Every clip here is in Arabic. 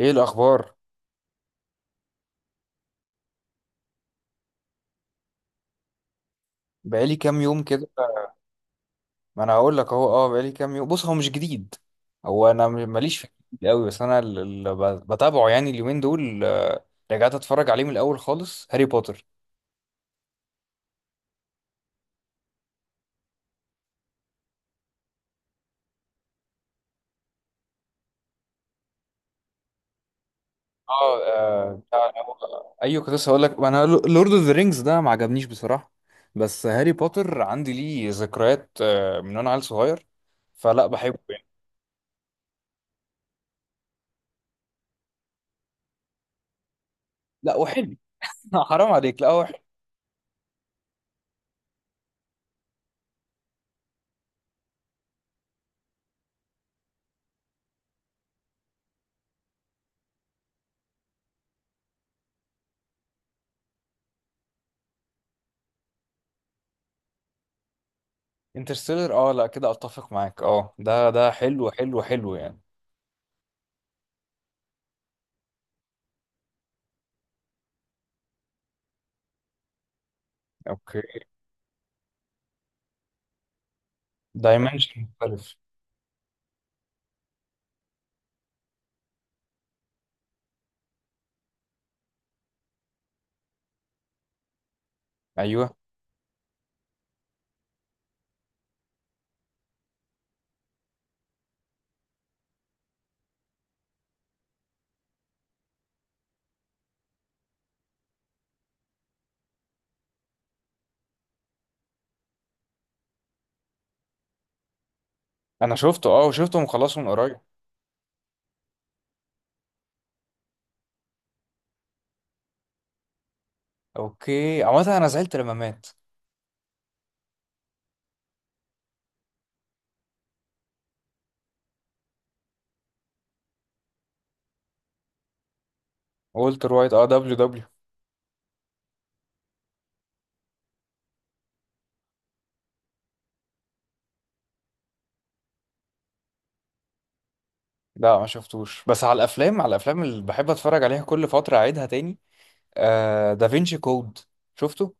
ايه الاخبار؟ بقالي كام يوم كده. ما انا هقول لك اهو. اه بقالي كام يوم. بص، هو مش جديد. هو انا ماليش في الجديد قوي، بس انا اللي بتابعه يعني اليومين دول، رجعت اتفرج عليه من الاول خالص، هاري بوتر. ايوه، كنت لسه هقول لك انا. لورد اوف ذا رينجز ده ما عجبنيش بصراحه، بس هاري بوتر عندي ليه ذكريات من وانا عيل صغير، فلا بحبه يعني. لا وحلو حرام عليك. لا هو. انترستيلر، اه لا كده اتفق معاك. اه ده حلو حلو حلو يعني. اوكي. دايمنشن مختلف. ايوه. انا شفته، اه، وشفته مخلصه من قريب. اوكي. عامة انا زعلت لما مات. والتر وايت، اه، دبليو دبليو. لا ما شفتوش. بس على الافلام، على الافلام اللي بحب اتفرج عليها كل فترة اعيدها تاني. آه دافينشي كود، شفته.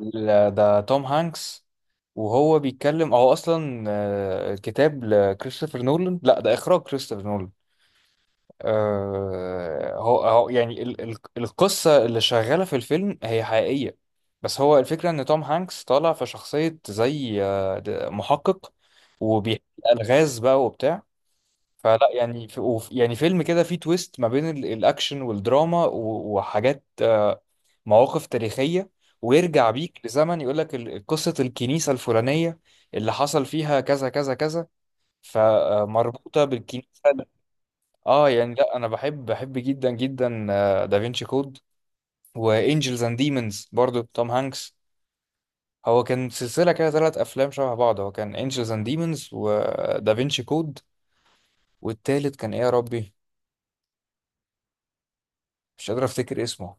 ده توم هانكس وهو بيتكلم. هو اصلا كتاب لكريستوفر نولان. لا ده اخراج كريستوفر نولان. هو يعني القصة اللي شغالة في الفيلم هي حقيقية. بس هو الفكرة إن توم هانكس طالع في شخصية زي محقق، وبيحل ألغاز بقى وبتاع. فلا يعني في يعني فيلم كده فيه تويست ما بين الأكشن والدراما وحاجات، مواقف تاريخية، ويرجع بيك لزمن يقول لك قصة الكنيسة الفلانية اللي حصل فيها كذا كذا كذا، فمربوطة بالكنيسة. اه يعني لا، انا بحب جدا جدا دافينشي كود. وانجلز اند ديمونز، برضو توم هانكس. هو كان سلسله كده ثلاث افلام شبه بعض، هو كان انجلز اند ديمونز ودافينشي كود. والتالت كان ايه يا ربي، مش قادر افتكر اسمه.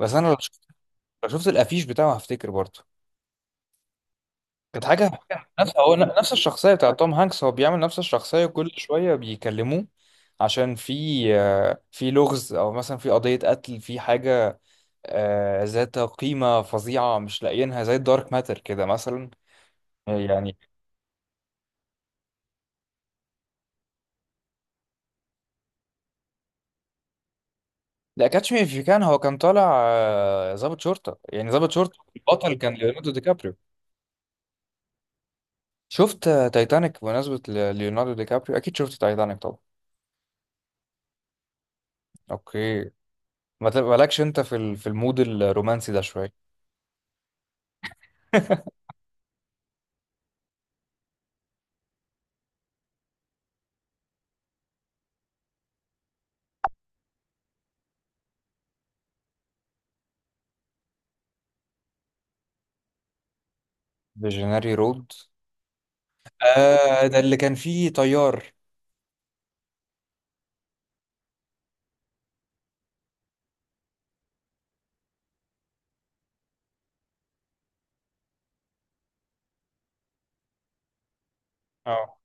بس انا لو شفت الافيش بتاعه هفتكر برضو. كانت حاجه نفس. هو نفس الشخصيه بتاع توم هانكس، هو بيعمل نفس الشخصيه كل شويه بيكلموه عشان في لغز، او مثلا في قضيه قتل، في حاجه ذات قيمة فظيعة مش لاقيينها، زي الدارك ماتر كده مثلا يعني. لا، كاتش مي إف يو كان، هو كان طالع ضابط شرطة، يعني ضابط شرطة، البطل كان ليوناردو دي كابريو. شفت تايتانيك؟ بمناسبة ليوناردو دي كابريو، أكيد شفت تايتانيك طبعا. أوكي. ما تبقالكش أنت في المود الرومانسي ده شوية؟ فيجنري رود. آه ده اللي كان فيه طيار. اه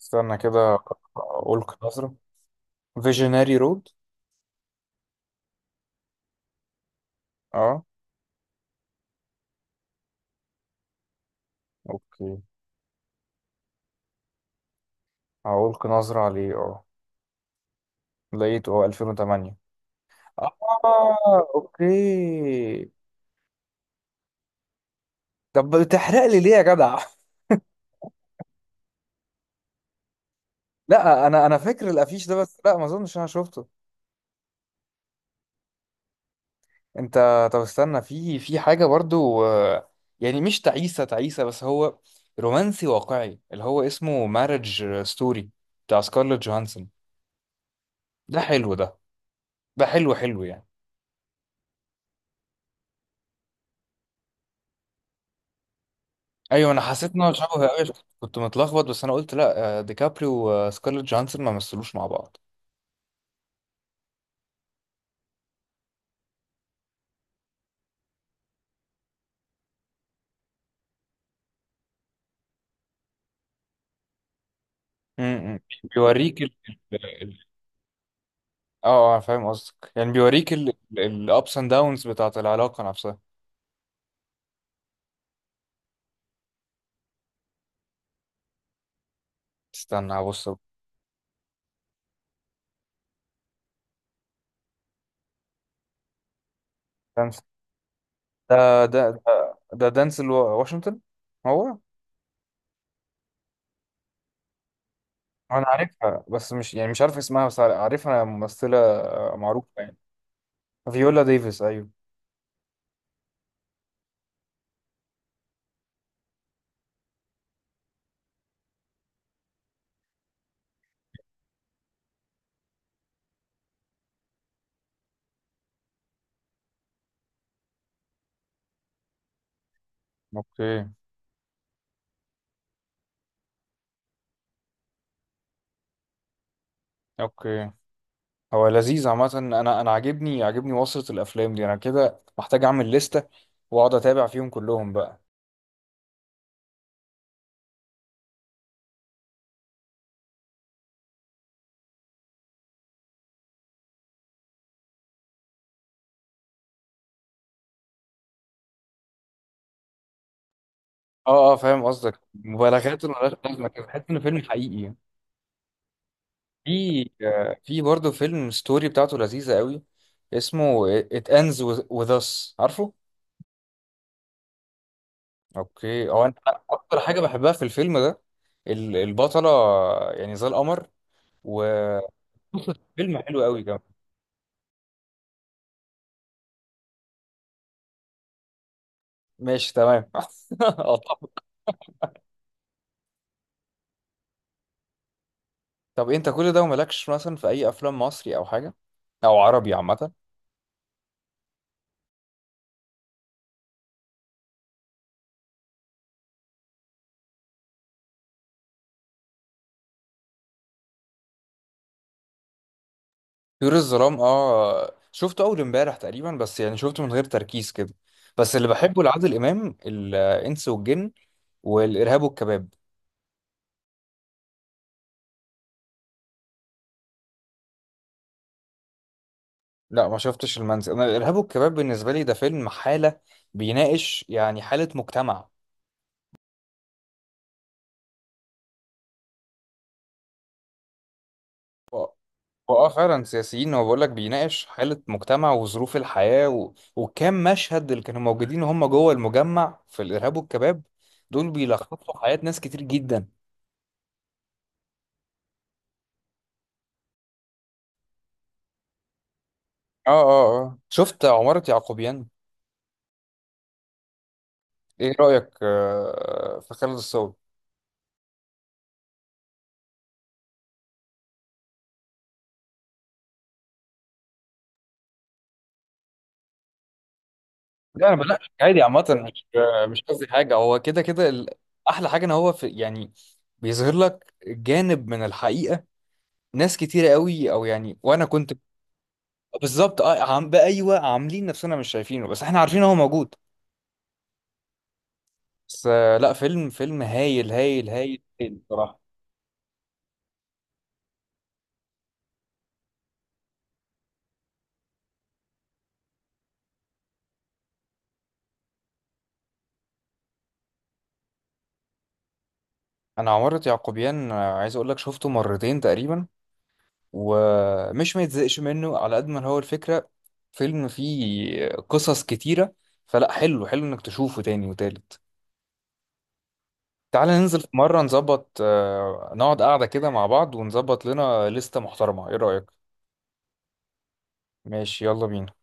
استنى كده، ألقي نظرة. فيجنري رود، اه. أوكي هألقي نظرة عليه، اه. لقيته، اه، 2008. اه اوكي. طب بتحرق لي ليه يا جدع؟ لا انا، فاكر الافيش ده، بس لا ما اظنش انا شفته. انت طب استنى، في حاجه برضو، يعني مش تعيسه تعيسه، بس هو رومانسي واقعي اللي هو اسمه مارج ستوري، بتاع سكارلوت جوهانسون. ده حلو ده، ده حلو حلو يعني. ايوه انا حسيت ان هو شبه قوي، كنت متلخبط. بس انا قلت لا، ديكابريو وسكارلوت جوهانسون ما مثلوش مع بعض. م- م. بيوريك. اه اه فاهم قصدك، يعني بيوريك. الابس اند داونز بتاعت العلاقة نفسها. استنى هبص. دانس، ده دانس واشنطن. هو انا عارفها، بس مش يعني مش عارف اسمها، بس عارفها ممثلة معروفة يعني. فيولا ديفيس، ايوه. اوكي. اوكي هو لذيذ. عامة انا عاجبني وصلة الافلام دي، انا كده محتاج اعمل لستة واقعد اتابع فيهم كلهم بقى. اه اه فاهم قصدك، مبالغات ملهاش لازمة، كده تحس ان فيلم حقيقي. في برضه فيلم ستوري بتاعته لذيذة قوي، اسمه It Ends With Us. عارفه؟ اوكي هو انا اكتر حاجة بحبها في الفيلم ده البطلة، يعني زي القمر. و فيلم حلو قوي كمان. ماشي تمام. طب. طب انت كل ده ومالكش مثلا في اي افلام مصري او حاجة، او عربي عامة؟ طيور الظلام، اه شفته اول امبارح تقريبا، بس يعني شفته من غير تركيز كده. بس اللي بحبه لعادل امام الانس والجن والارهاب والكباب. لا ما شفتش المنزل. انا الارهاب والكباب بالنسبه لي ده فيلم حاله، بيناقش يعني حاله مجتمع. و- واه فعلا سياسيين. هو بيقول لك بيناقش حاله مجتمع وظروف الحياه وكم مشهد اللي كانوا موجودين وهم جوه المجمع في الارهاب والكباب، دول بيلخصوا حياه ناس كتير جدا. اه اه اه شفت عماره يعقوبيان؟ ايه رايك في خالد الصاوي؟ لا انا بناقش عادي عامه مش، مش قصدي حاجه، هو كده كده احلى حاجه ان هو في يعني بيظهر لك جانب من الحقيقه، ناس كتيره قوي، او يعني وانا كنت. بالظبط اه. عم بقى، ايوه عاملين نفسنا مش شايفينه، بس احنا عارفين هو موجود. بس لا، فيلم هايل هايل هايل هايل بصراحه. انا عمارة يعقوبيان عايز اقول لك شفته مرتين تقريبا، ومش ما يتزهقش منه على قد ما هو الفكره، فيلم فيه قصص كتيره، فلا حلو، حلو انك تشوفه تاني وتالت. تعالى ننزل في مرة نظبط، نقعد قاعدة كده مع بعض ونظبط لنا لستة محترمة. ايه رأيك؟ ماشي يلا بينا.